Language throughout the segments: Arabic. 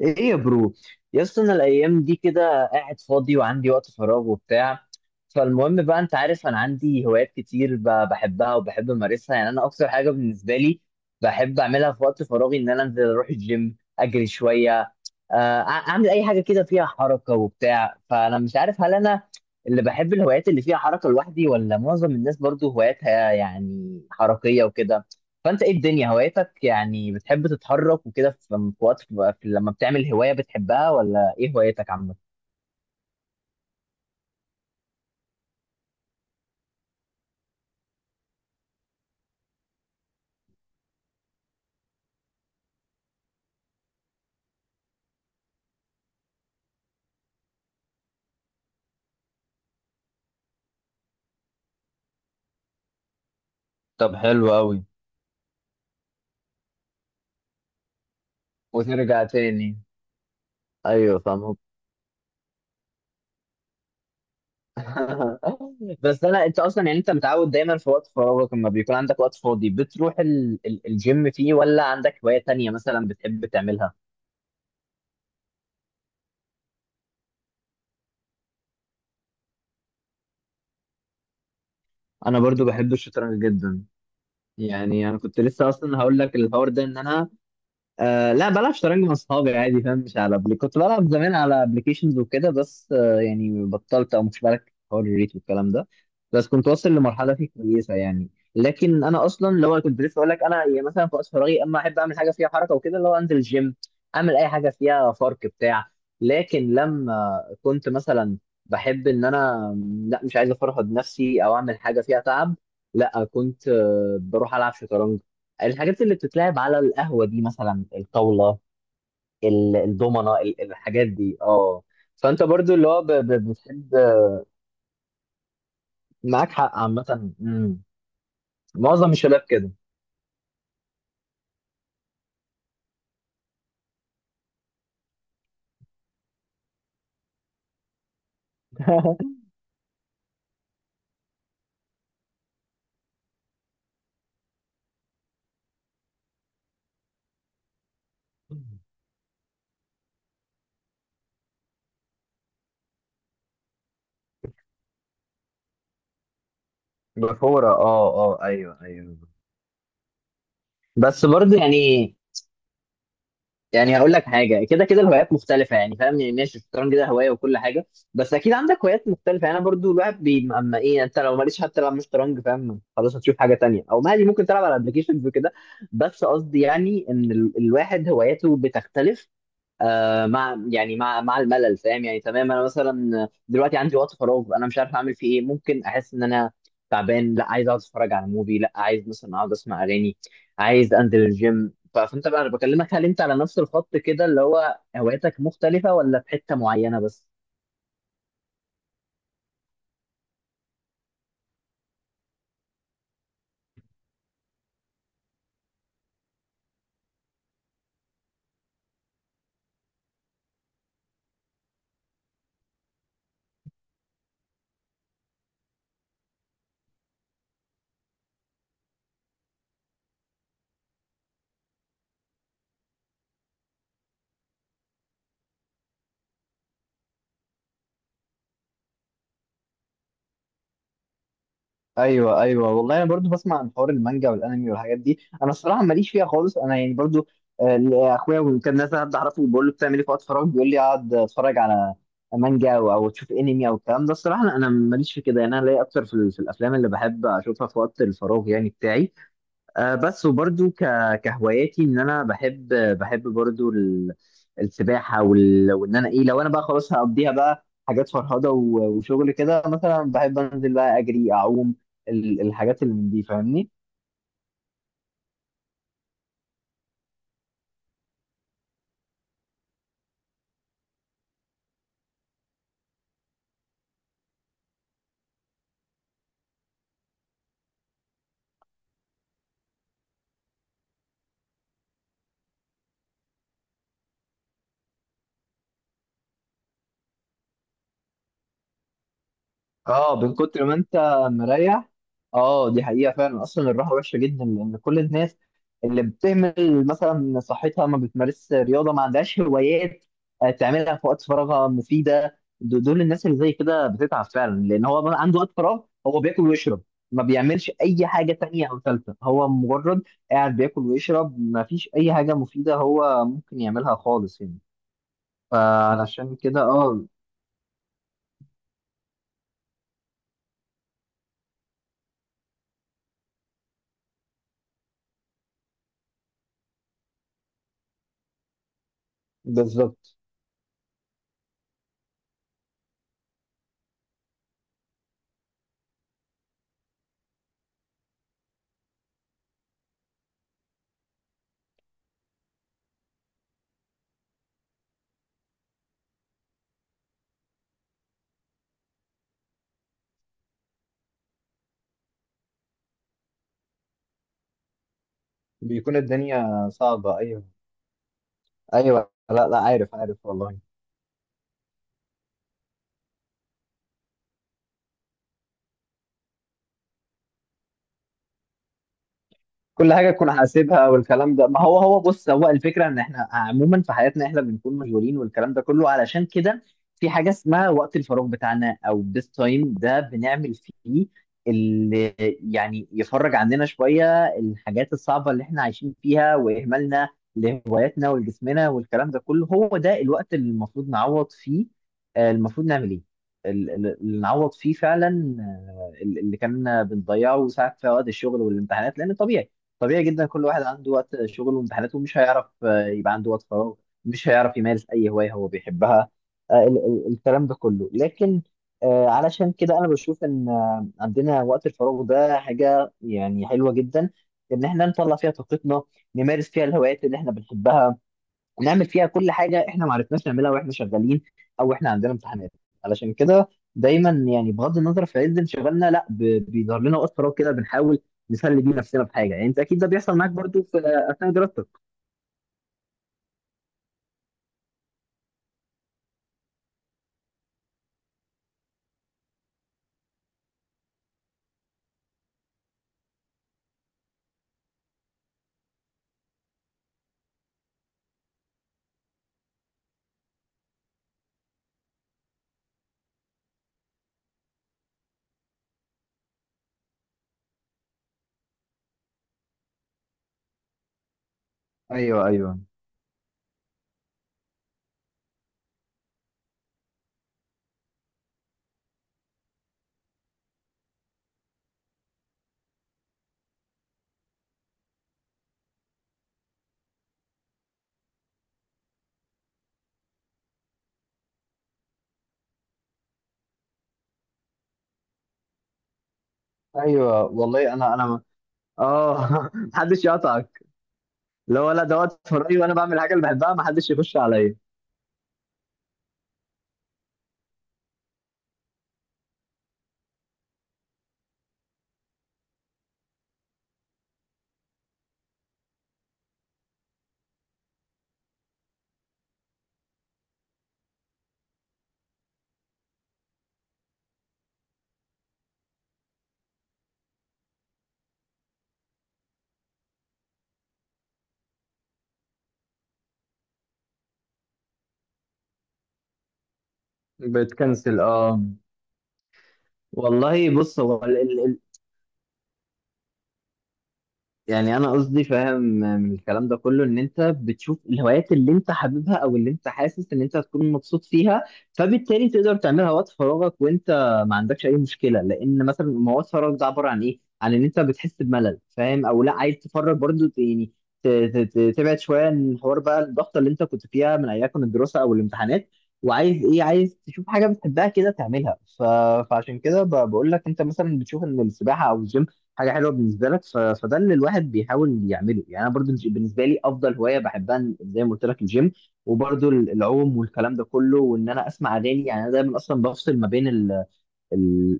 ايه يا برو، يا اسطى، انا الايام دي كده قاعد فاضي وعندي وقت فراغ وبتاع. فالمهم بقى، انت عارف انا عندي هوايات كتير بحبها وبحب امارسها. يعني انا اكتر حاجه بالنسبه لي بحب اعملها في وقت فراغي ان انا انزل اروح الجيم، اجري شويه، اعمل اي حاجه كده فيها حركه وبتاع. فانا مش عارف هل انا اللي بحب الهوايات اللي فيها حركه لوحدي، ولا معظم الناس برضو هواياتها يعني حركيه وكده. فانت ايه الدنيا هوايتك؟ يعني بتحب تتحرك وكده في وقت بتبقى لما بتعمل هواية بتحبها، ولا ايه هوايتك عامة؟ طب حلو قوي. وترجع تاني. ايوه فاهم. بس انا، انت اصلا يعني انت متعود دايما في وقت فراغك لما بيكون عندك وقت فاضي بتروح الجيم فيه، ولا عندك هواية تانية مثلا بتحب تعملها؟ انا برضو بحب الشطرنج جدا. يعني انا كنت لسه اصلا هقول لك الحوار ده، ان انا، آه لا، بلعب شطرنج مع اصحابي عادي، فاهم؟ مش على بلي. كنت بلعب زمان على ابلكيشنز وكده، بس آه يعني بطلت، او مش بالك حوار الريت والكلام ده. بس كنت واصل لمرحله فيه كويسه يعني. لكن انا اصلا اللي هو كنت لسه اقول لك، انا يعني مثلا في وقت فراغي اما احب اعمل حاجه فيها حركه وكده، اللي هو انزل الجيم، اعمل اي حاجه فيها فرق بتاع. لكن لما كنت مثلا بحب ان انا لا، مش عايز افرهد نفسي او اعمل حاجه فيها تعب، لا كنت بروح العب شطرنج. الحاجات اللي بتتلعب على القهوة دي، مثلا الطاولة، الضمنة، الحاجات دي. اه. فانت برضو اللي هو بتحب. معاك حق عامة. معظم الشباب كده. بفورة اه. اه، ايوه ايوه. بس برضو يعني، يعني هقول لك حاجه، كده كده الهوايات مختلفه، يعني فاهم؟ يعني ماشي، الشطرنج ده هوايه وكل حاجه، بس اكيد عندك هوايات مختلفه. يعني انا برضو الواحد اما ايه، يعني انت لو ماليش حتى تلعب مش شطرنج، فاهم، خلاص هتشوف حاجه تانية، او مالي ممكن تلعب على ابلكيشنز وكده. بس قصدي يعني ان الواحد هواياته بتختلف، مع يعني مع الملل، فاهم؟ يعني تمام. انا مثلا دلوقتي عندي وقت فراغ، انا مش عارف اعمل فيه ايه. ممكن احس ان انا تعبان، لا عايز اقعد اتفرج على موفي، لا عايز مثلا اقعد اسمع اغاني، عايز انزل الجيم. فانت بقى، انا بكلمك، هل انت على نفس الخط كده اللي هو هواياتك مختلفة، ولا في حتة معينة بس؟ ايوه ايوه. والله انا برضو بسمع عن حوار المانجا والانمي والحاجات دي، انا الصراحه ماليش فيها خالص. انا يعني برضو اخويا وكان ناس، حد اعرفه بقول له بتعمل ايه في وقت فراغ، بيقول لي اقعد اتفرج على مانجا أو تشوف انمي او الكلام ده. الصراحه أنا ماليش في كده. يعني انا ليا اكتر في, في الافلام اللي بحب اشوفها في وقت الفراغ يعني بتاعي. بس وبرضو كهواياتي، ان انا بحب برضو السباحه وان انا ايه، لو انا بقى خلاص هقضيها بقى حاجات فرهضه وشغل كده، مثلا بحب انزل بقى اجري اعوم، الحاجات اللي من دي، فاهمني؟ اه، من كتر ما انت مريح. اه، دي حقيقة فعلا. اصلا الراحة وحشة جدا، لان كل الناس اللي بتهمل مثلا صحتها، ما بتمارسش رياضة، ما عندهاش هوايات تعملها في وقت فراغها مفيدة، دول الناس اللي زي كده بتتعب فعلا، لان هو ما عنده وقت فراغ، هو بياكل ويشرب، ما بيعملش اي حاجة تانية او ثالثة. هو مجرد قاعد بياكل ويشرب، ما فيش اي حاجة مفيدة هو ممكن يعملها خالص يعني. فعلشان كده اه. بالظبط. بيكون الدنيا صعبة، أيوة. ايوه، لا لا، عارف عارف والله. كل حاجه تكون حاسبها والكلام ده. ما هو، هو بص، هو الفكره ان احنا عموما في حياتنا احنا بنكون مشغولين والكلام ده كله، علشان كده في حاجه اسمها وقت الفراغ بتاعنا، او this تايم ده بنعمل فيه اللي يعني يفرج عندنا شويه الحاجات الصعبه اللي احنا عايشين فيها، واهمالنا لهواياتنا ولجسمنا والكلام ده كله. هو ده الوقت اللي المفروض نعوض فيه، المفروض نعمل ايه، اللي نعوض فيه فعلا اللي كنا بنضيعه ساعات في وقت الشغل والامتحانات. لان طبيعي، طبيعي جدا، كل واحد عنده وقت شغل وامتحانات ومش هيعرف يبقى عنده وقت فراغ، مش هيعرف يمارس اي هوايه هو بيحبها، الكلام ده كله. لكن علشان كده انا بشوف ان عندنا وقت الفراغ ده حاجه يعني حلوه جدا، ان احنا نطلع فيها طاقتنا، نمارس فيها الهوايات اللي احنا بنحبها، هنعمل فيها كل حاجه احنا ما عرفناش نعملها واحنا شغالين او احنا عندنا امتحانات. علشان كده دايما، يعني بغض النظر في عز انشغالنا، لا بيظهر لنا وقت فراغ كده بنحاول نسلي بيه نفسنا بحاجه. يعني انت اكيد ده بيحصل معاك برضو في اثناء دراستك. ايوه ايوه ايوه والله. انا اه. محدش يقطعك. لو، لا، ده وقت فراغي وانا بعمل حاجه اللي بحبها، محدش يخش عليا. بتكنسل اه. والله بص، هو يعني انا قصدي فاهم من الكلام ده كله، ان انت بتشوف الهوايات اللي انت حاببها او اللي انت حاسس ان انت هتكون مبسوط فيها، فبالتالي تقدر تعملها وقت فراغك وانت ما عندكش اي مشكله. لان مثلا ما هو وقت فراغك ده عباره عن ايه؟ عن ان انت بتحس بملل، فاهم، او لا عايز تفرغ برضو، يعني تبعد شويه عن الحوار بقى، الضغطه اللي انت كنت فيها من ايام الدراسه او الامتحانات، وعايز ايه؟ عايز تشوف حاجه بتحبها كده تعملها. فعشان كده بقول لك انت مثلا بتشوف ان السباحه او الجيم حاجه حلوه بالنسبه لك. فده اللي الواحد بيحاول يعمله. يعني انا برضو بالنسبه لي افضل هوايه بحبها، زي ما قلت لك الجيم، وبرضو العوم والكلام ده كله، وان انا اسمع اغاني. يعني انا دايما اصلا بفصل ما بين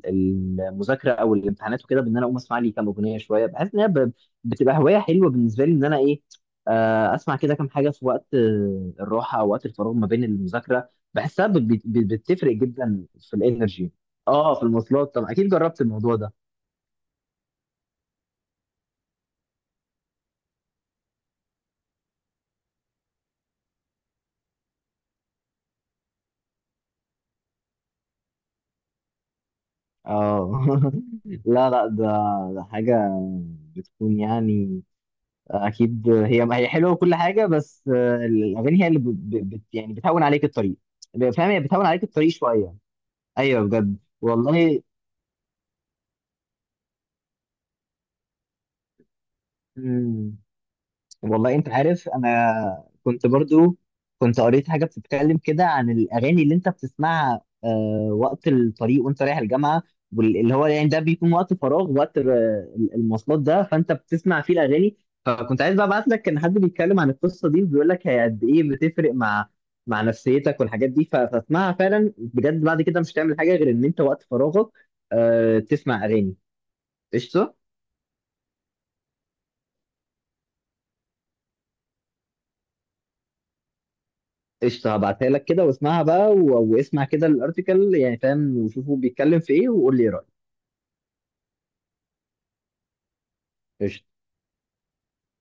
المذاكره او الامتحانات وكده، بان انا اقوم اسمع لي كام اغنيه شويه. بحس ان هي بتبقى هوايه حلوه بالنسبه لي، ان انا ايه، اسمع كده كام حاجه في وقت الراحه او وقت الفراغ ما بين المذاكره، بحسها بتفرق جدا في الانرجي. اه في المواصلات طبعا، اكيد جربت الموضوع ده. اه. لا لا، ده، ده حاجة بتكون يعني، أكيد هي، هي حلوة وكل حاجة، بس الأغاني هي اللي ب- ب- بت يعني بتهون عليك الطريق، فاهم؟ هي بتهون عليك الطريق شوية. أيوه بجد والله. مم. والله انت عارف، انا كنت برضو كنت قريت حاجه بتتكلم كده عن الاغاني اللي انت بتسمعها وقت الطريق وانت رايح الجامعه، واللي هو يعني ده بيكون وقت فراغ، وقت المواصلات ده، فانت بتسمع فيه الاغاني. فكنت عايز بقى ابعت لك، كان حد بيتكلم عن القصه دي وبيقول لك هي قد ايه بتفرق مع مع نفسيتك والحاجات دي. فاسمعها فعلا بجد، بعد كده مش هتعمل حاجه غير ان انت وقت فراغك تسمع اغاني. قشطه. قشطة هبعتها لك كده واسمعها بقى، واسمع كده الارتكل يعني، فاهم، وشوفوا بيتكلم في ايه وقول لي ايه رأيك. قشطة.